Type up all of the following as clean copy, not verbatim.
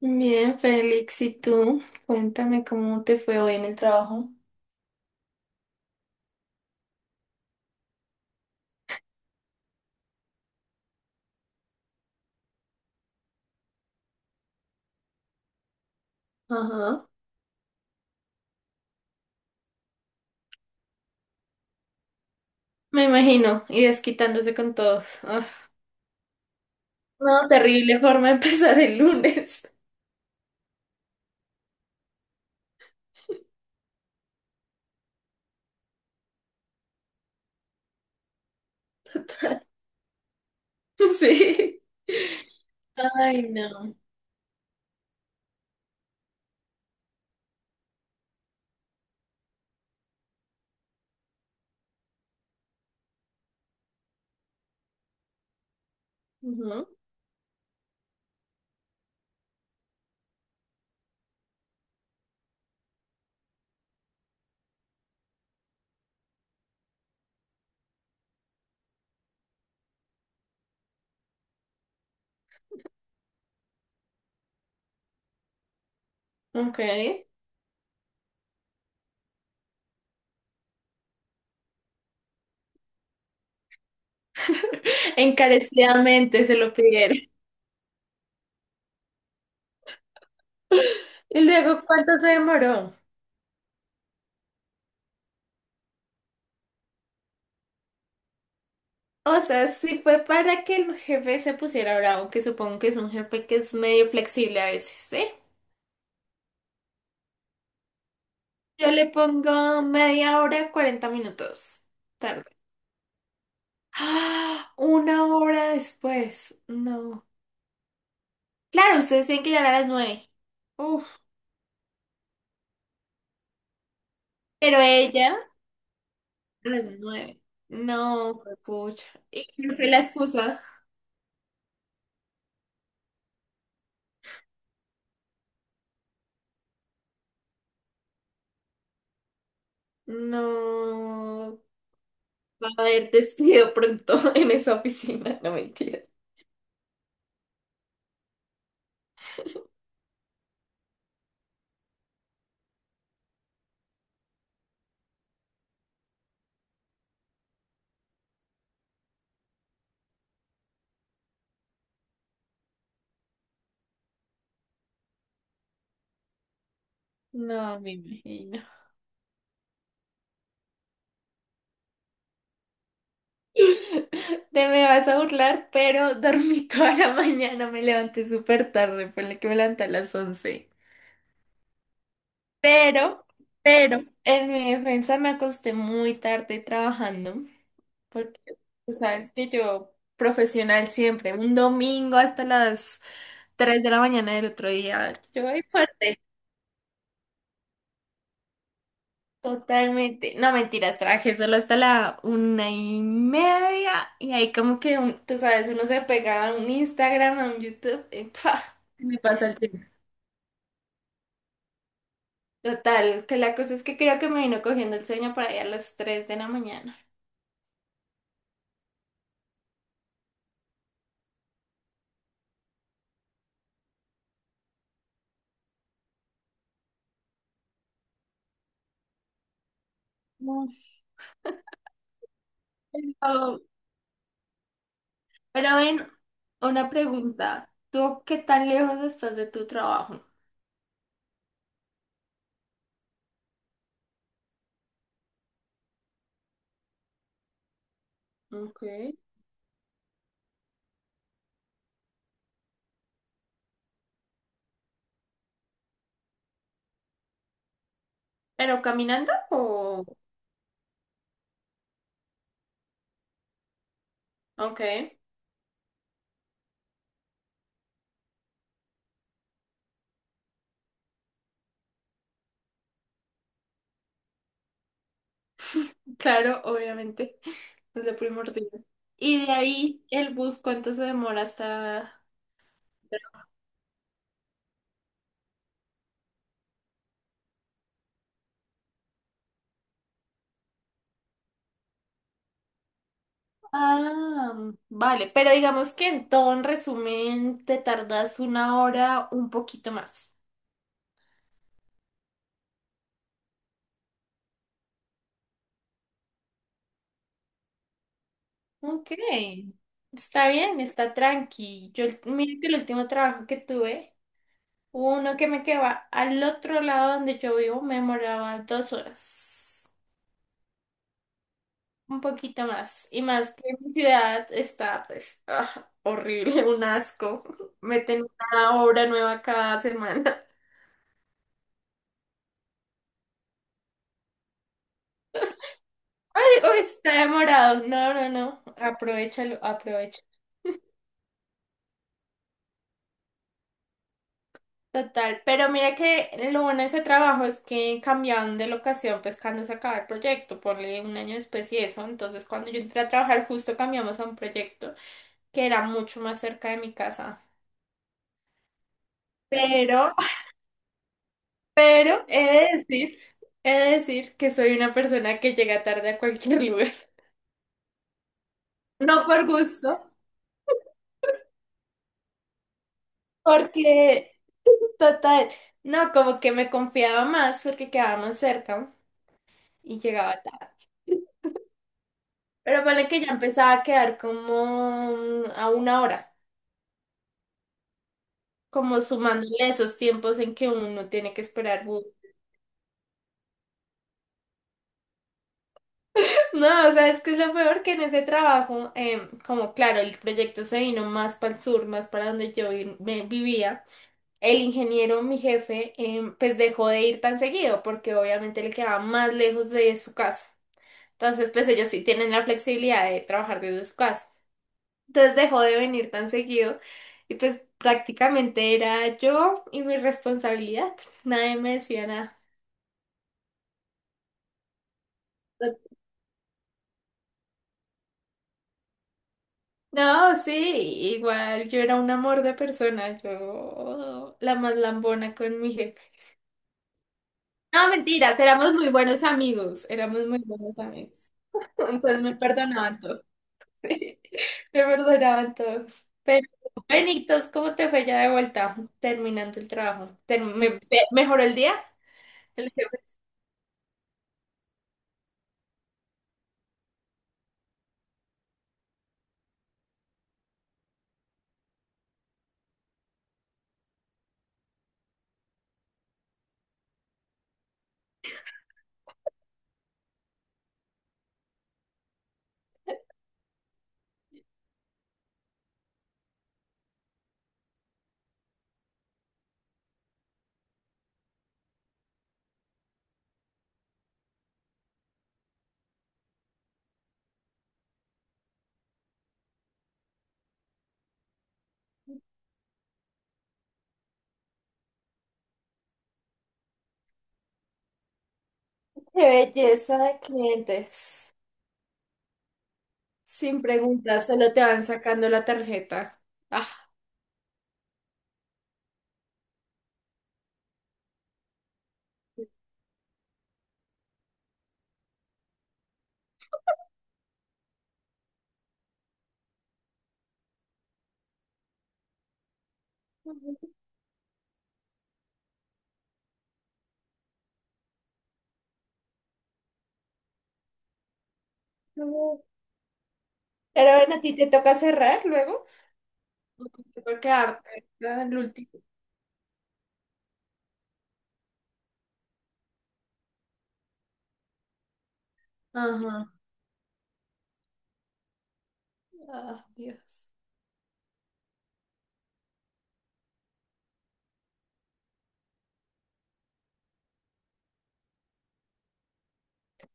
Bien, Félix, ¿y tú? Cuéntame cómo te fue hoy en el trabajo. Ajá. Me imagino, y desquitándose con todos. Ah, no, terrible forma de empezar el lunes. Total. Sí. Ay, no. Ujú. Ok. Encarecidamente se lo pidieron. ¿Y luego cuánto se demoró? O sea, sí fue para que el jefe se pusiera bravo, que supongo que es un jefe que es medio flexible a veces, ¿sí? Yo le pongo media hora, 40 minutos. Tarde. ¡Ah! Una hora después. No. Claro, ustedes tienen que llegar a las 9. Uf. Pero ella, a las 9. No, pucha. ¿Y cuál fue la excusa? No. Va a haber despido pronto en esa oficina. No, mentira. No, me imagino. Te me vas a burlar, pero dormí toda la mañana. Me levanté súper tarde. Por Fue que me levanté a las 11. Pero, pero, en mi defensa me acosté muy tarde trabajando, porque tú sabes que yo, profesional siempre, un domingo hasta las 3 de la mañana del otro día, yo ahí fuerte, totalmente. No, mentiras, trabajé solo hasta la 1:30, y ahí como que, tú sabes, uno se pegaba a un Instagram, a un YouTube, y ¡pua! Me pasa el tiempo. Total, que la cosa es que creo que me vino cogiendo el sueño para allá a las 3 de la mañana. No. Pero, pero ven, una pregunta. ¿Tú qué tan lejos estás de tu trabajo? Okay. ¿Pero caminando o...? Ok, claro, obviamente. Es lo primordial. Y de ahí el bus, ¿cuánto se demora hasta...? Ah, vale. Pero digamos que en todo, en resumen, te tardas una hora, un poquito más. Ok. Está bien, está tranqui. Yo, mira que el último trabajo que tuve. Uno que me quedaba al otro lado donde yo vivo me demoraba 2 horas, un poquito más. Y más que mi ciudad está, pues, ah, horrible, un asco. Meten una obra nueva cada semana. Ay, uy, está demorado. No, no, no. Aprovechalo, aprovecha. Total. Pero mira que lo bueno de ese trabajo es que cambiaron de locación, pues cuando se acaba el proyecto, ponle un año después y eso. Entonces, cuando yo entré a trabajar, justo cambiamos a un proyecto, que era mucho más cerca de mi casa. Pero, pero he de decir que soy una persona que llega tarde a cualquier lugar. No por gusto, porque total, no, como que me confiaba más porque quedábamos cerca y llegaba tarde. Pero ponle que ya empezaba a quedar como a una hora, como sumándole esos tiempos en que uno tiene que esperar bus. No, o sea, es que es lo peor que en ese trabajo, como claro, el proyecto se vino más para el sur, más para donde yo me vivía, el ingeniero, mi jefe, pues dejó de ir tan seguido porque obviamente le quedaba más lejos de su casa. Entonces, pues ellos sí tienen la flexibilidad de trabajar desde su casa. Entonces dejó de venir tan seguido y pues prácticamente era yo y mi responsabilidad. Nadie me decía nada. No, sí, igual yo era un amor de persona, yo la más lambona con mi jefe. No, mentiras, éramos muy buenos amigos, éramos muy buenos amigos. Entonces me perdonaban todos, me perdonaban todos. Pero, Benitos, ¿cómo te fue ya de vuelta terminando el trabajo? ¿Mejoró el día? El jefe. Qué belleza de clientes. Sin preguntas, solo te van sacando la tarjeta. Ah. Pero bueno, a ti te toca cerrar luego. O Te toca quedarte ¿verdad? El último. Ajá. Ah, Dios.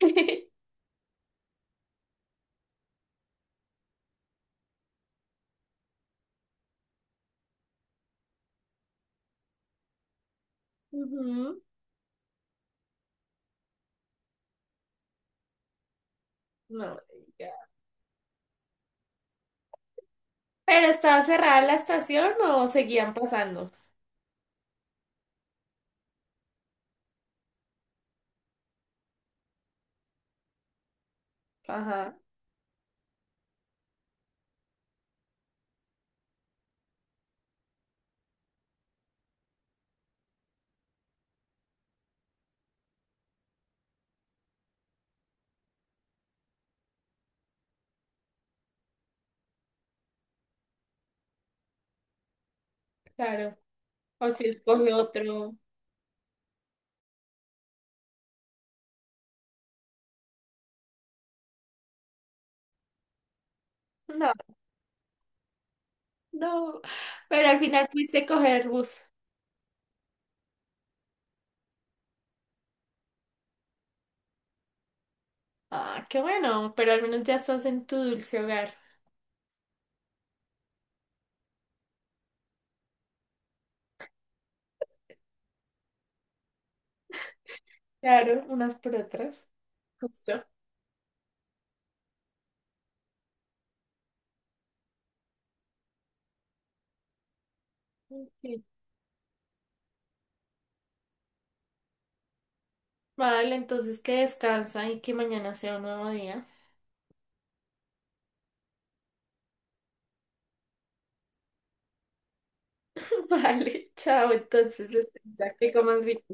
Ujú. No, ya. ¿Pero estaba cerrada la estación o seguían pasando? Ajá, claro. O si escoge otro. No, no. Pero al final pudiste coger bus. Ah, qué bueno. Pero al menos ya estás en tu dulce hogar. Claro, unas por otras. Justo. Ok. Vale, entonces que descansa y que mañana sea un nuevo día. Vale, chao. Entonces, este, ya que comas bien.